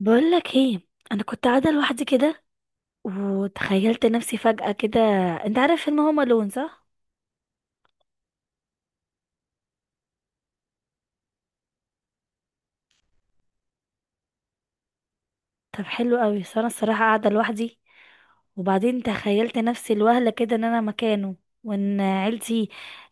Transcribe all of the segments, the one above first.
بقولك ايه؟ انا كنت قاعده لوحدي كده، وتخيلت نفسي فجاه كده. انت عارف فيلم هوم الون صح؟ طب حلو قوي، بس انا الصراحه قاعده لوحدي، وبعدين تخيلت نفسي الوهله كده ان انا مكانه، وان عيلتي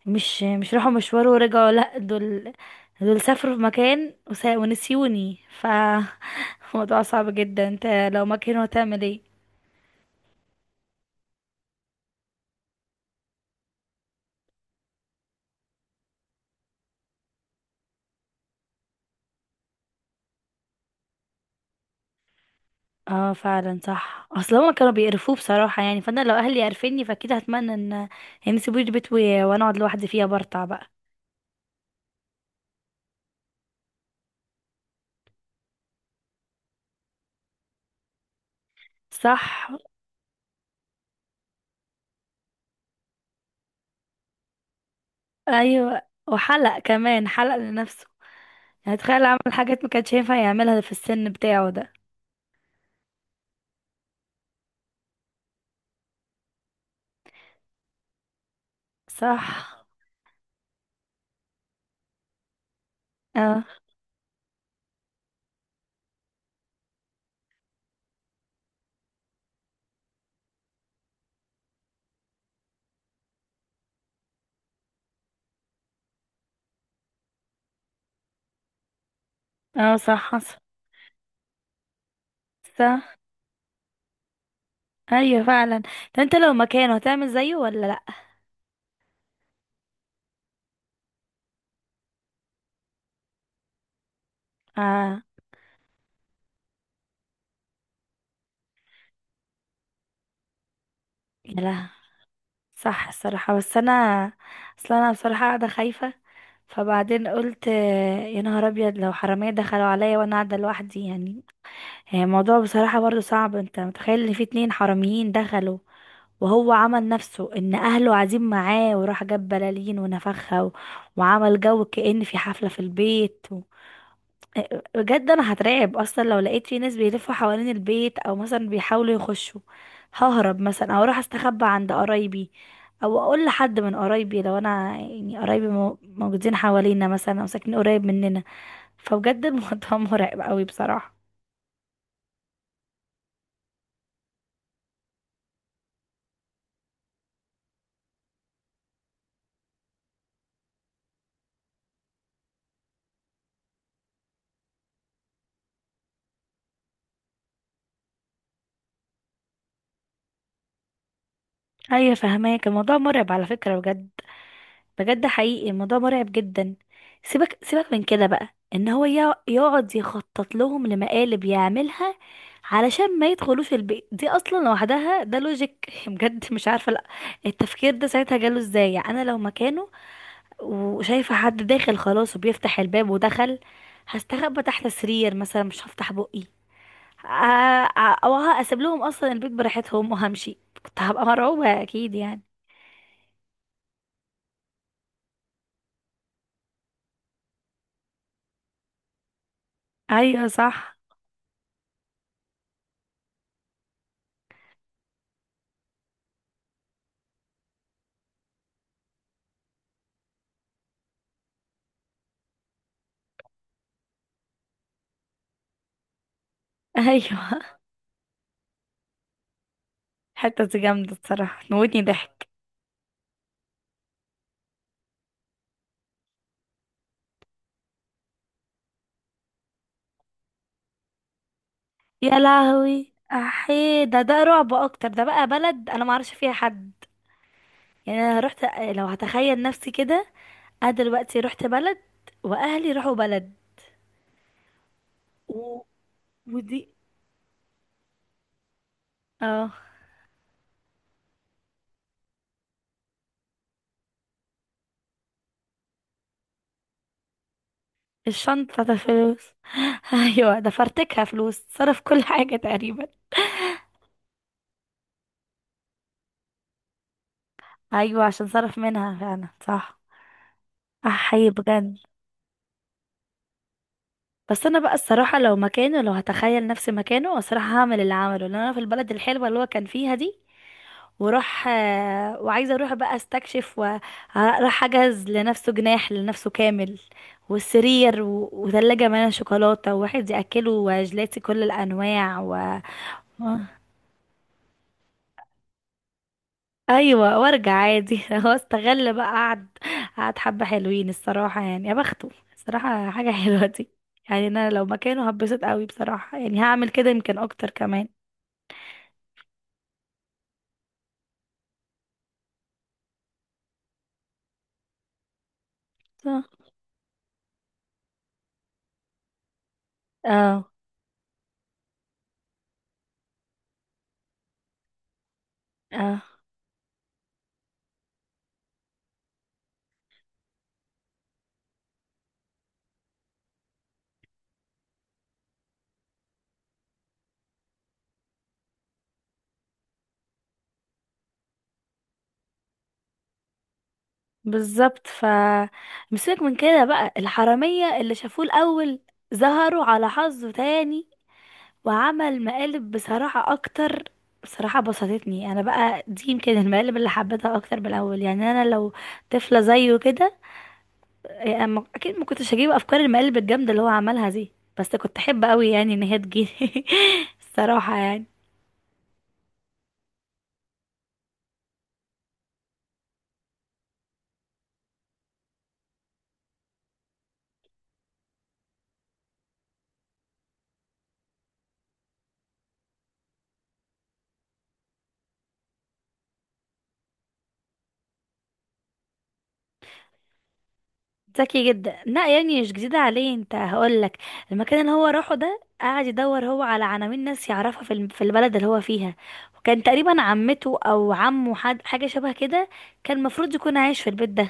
مش راحوا مشوار ورجعوا، لا، دول، دول سافروا في مكان ونسيوني، ف الموضوع صعب جدا. انت لو مكانه هتعمل ايه؟ اه فعلا، صح، اصل هما كانوا بيقرفوه بصراحة، يعني فانا لو اهلي عرفني فاكيد هتمنى ان يسيبوا لي البيت وانا اقعد لوحدي فيها برطع بقى. صح. ايوه، وحلق كمان، حلق لنفسه، يعني تخيل، عمل حاجات ما كانش ينفع يعملها في السن بتاعه ده. صح. اه. اه صح حصل. صح. ايوه فعلا. ده انت لو مكانه هتعمل زيه ولا لا؟ اه. يا لهوي، صح الصراحة، بس انا، اصل انا بصراحة قاعدة خايفة، فبعدين قلت آه، يا نهار ابيض، لو حرامية دخلوا عليا وانا قاعدة لوحدي يعني. الموضوع بصراحة برضو صعب، انت متخيل ان في اتنين حراميين دخلوا، وهو عمل نفسه ان اهله قاعدين معاه، وراح جاب بلالين ونفخها وعمل جو كأن في حفلة في البيت. بجد انا هترعب اصلا لو لقيت في ناس بيلفوا حوالين البيت، او مثلا بيحاولوا يخشوا، ههرب مثلا، او اروح استخبى عند قرايبي، او اقول لحد من قرايبي، لو انا يعني قرايبي موجودين حوالينا مثلا او ساكنين قريب مننا. فبجد الموضوع مرعب قوي بصراحة. ايوه فهماك، الموضوع مرعب على فكرة بجد، بجد حقيقي الموضوع مرعب جدا. سيبك سيبك من كده بقى، ان هو يقعد يخطط لهم لمقالب يعملها علشان ما يدخلوش البيت، دي اصلا لوحدها ده لوجيك بجد مش عارفه، لا، التفكير ده ساعتها جاله ازاي؟ يعني انا لو مكانه وشايفه حد داخل خلاص وبيفتح الباب ودخل، هستخبى تحت السرير مثلا، مش هفتح بقي. او هسيب لهم اصلا البيت براحتهم وهمشي، كنت هبقى مرعوبه اكيد يعني. ايوه صح. ايوه. الحتة دي جامدة الصراحة، موتني ضحك. يا لهوي احي، ده رعب اكتر، ده بقى بلد انا ما اعرفش فيها حد، يعني انا رحت، لو هتخيل نفسي كده، انا دلوقتي رحت بلد، واهلي راحوا بلد و... ودي. اه. الشنطة، ده فلوس. ايوه ده فرتكها، فلوس صرف كل حاجة تقريبا. ايوه عشان صرف منها فعلا، صح، احي بجد. بس انا بقى الصراحه، لو مكانه، لو هتخيل نفسي مكانه، الصراحه هعمل اللي عمله، لان انا في البلد الحلوه اللي هو كان فيها دي، وراح، وعايزه اروح بقى استكشف، وراح اجهز لنفسه جناح لنفسه كامل، والسرير، وثلاجه مليانه شوكولاته وواحد ياكله وجلاتي كل الانواع. و... ايوه وارجع عادي. هو استغل بقى، قعد حبه حلوين الصراحه، يعني يا بخته، الصراحه حاجه حلوه دي. يعني انا لو مكانه هتبسط قوي بصراحه، يعني هعمل كده يمكن اكتر كمان. صح. اه. اه بالظبط. مسيبك من كده بقى، الحراميه اللي شافوه الاول ظهروا على حظه تاني، وعمل مقالب بصراحه اكتر. بصراحة بسطتني أنا بقى، دي يمكن المقالب اللي حبيتها أكتر بالأول. يعني أنا لو طفلة زيه كده، أما اكيد ما كنتش هجيب افكار المقالب الجامده اللي هو عملها دي، بس كنت احب قوي يعني ان هي تجيلي الصراحه يعني. ذكي جدا. لا يعني مش جديده عليه، انت هقول لك، المكان اللي هو راحه ده قعد يدور هو على عناوين ناس يعرفها في في البلد اللي هو فيها، وكان تقريبا عمته او عمه، حد حاجه شبه كده، كان المفروض يكون عايش في البيت ده،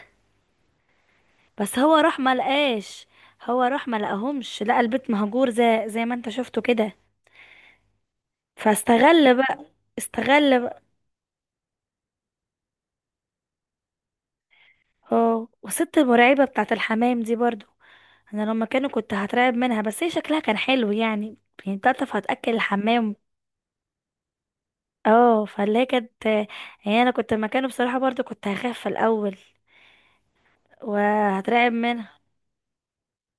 بس هو راح ما لقاش. هو راح ما لقاهمش، لقى البيت مهجور، زي ما انت شفته كده، فاستغل بقى. استغل. اه والست المرعبة بتاعة الحمام دي برضو، انا لما كانوا، كنت هترعب منها، بس هي شكلها كان حلو يعني، يعني بتعرف هتأكل الحمام. اه فاللي هي كانت، يعني انا كنت مكانه بصراحة برضو كنت هخاف في الاول وهترعب منها.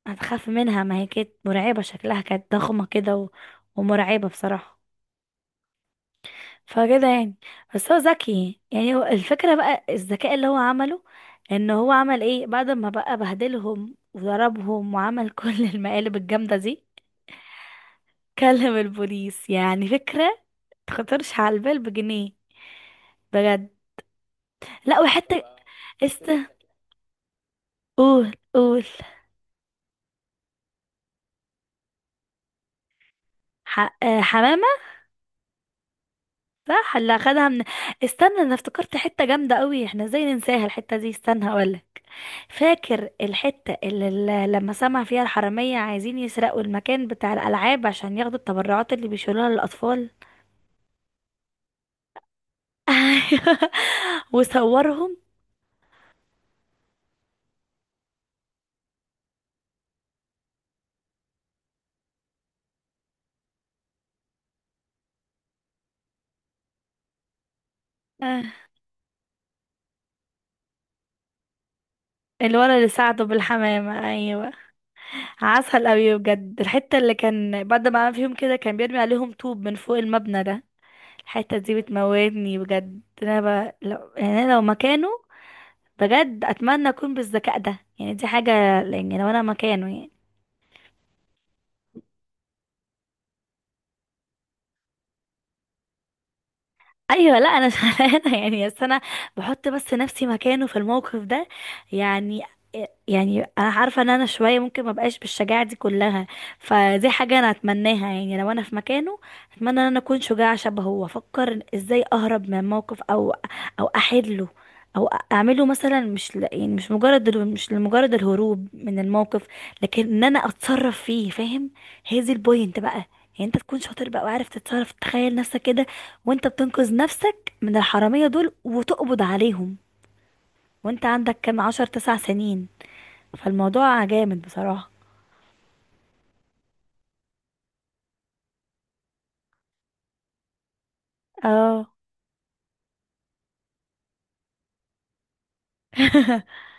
هتخاف منها، ما هي كانت مرعبة، شكلها كانت ضخمة كده ومرعبة بصراحة، فكده يعني. بس هو ذكي، يعني هو الفكرة بقى الذكاء اللي هو عمله، ان هو عمل ايه بعد ما بقى بهدلهم وضربهم وعمل كل المقالب الجامدة دي؟ كلم البوليس، يعني فكرة تخطرش على البال بجنيه، بجد. لا وحتى. است قول قول. ح... آه، حمامة. صح. اللي اخدها من، استنى، انا افتكرت حتة جامدة قوي، احنا ازاي ننساها الحتة دي؟ استنى هقولك. فاكر الحتة اللي لما سمع فيها الحرامية عايزين يسرقوا المكان بتاع الألعاب عشان ياخدوا التبرعات اللي بيشيلوها للأطفال؟ ايوه، وصورهم. آه، الولد اللي ساعده بالحمامة، ايوه. عسل قوي بجد. الحتة اللي كان بعد ما عمل فيهم كده كان بيرمي عليهم طوب من فوق المبنى ده، الحتة دي بتموتني بجد. انا يعني أنا لو مكانه، بجد اتمنى اكون بالذكاء ده، يعني دي حاجة، يعني لو انا مكانه يعني. ايوه لا انا شغلانه يعني، بس انا بحط بس نفسي مكانه في الموقف ده، يعني يعني انا عارفه ان انا شويه ممكن ما بقاش بالشجاعه دي كلها، فدي حاجه انا اتمناها يعني، لو انا في مكانه اتمنى ان انا اكون شجاعه شبهه، وافكر ازاي اهرب من موقف، او او احله، او اعمله مثلا، مش ل... يعني مش مجرد ال- مش لمجرد الهروب من الموقف، لكن ان انا اتصرف فيه، فاهم؟ هي دي البوينت بقى، يعني انت تكون شاطر بقى وعارف تتصرف، تخيل نفسك كده وانت بتنقذ نفسك من الحرامية دول وتقبض عليهم، وانت عندك كام، عشر تسع سنين، فالموضوع جامد بصراحة. اه.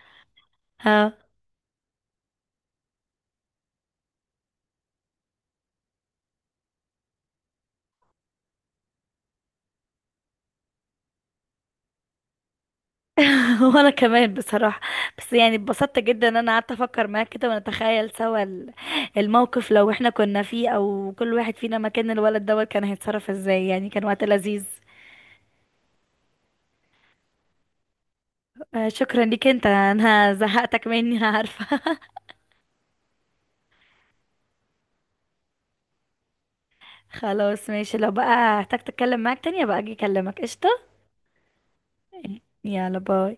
اه. وانا كمان بصراحة، بس يعني اتبسطت جدا ان انا قعدت افكر معاك كده، ونتخيل سوا الموقف لو احنا كنا فيه، او كل واحد فينا مكان الولد دوت كان هيتصرف ازاي، يعني كان وقت لذيذ. شكرا ليك انت، انا زهقتك مني أنا عارفة. خلاص ماشي، لو بقى احتاج اتكلم معاك تاني بقى اجي اكلمك، قشطة. يلا باي.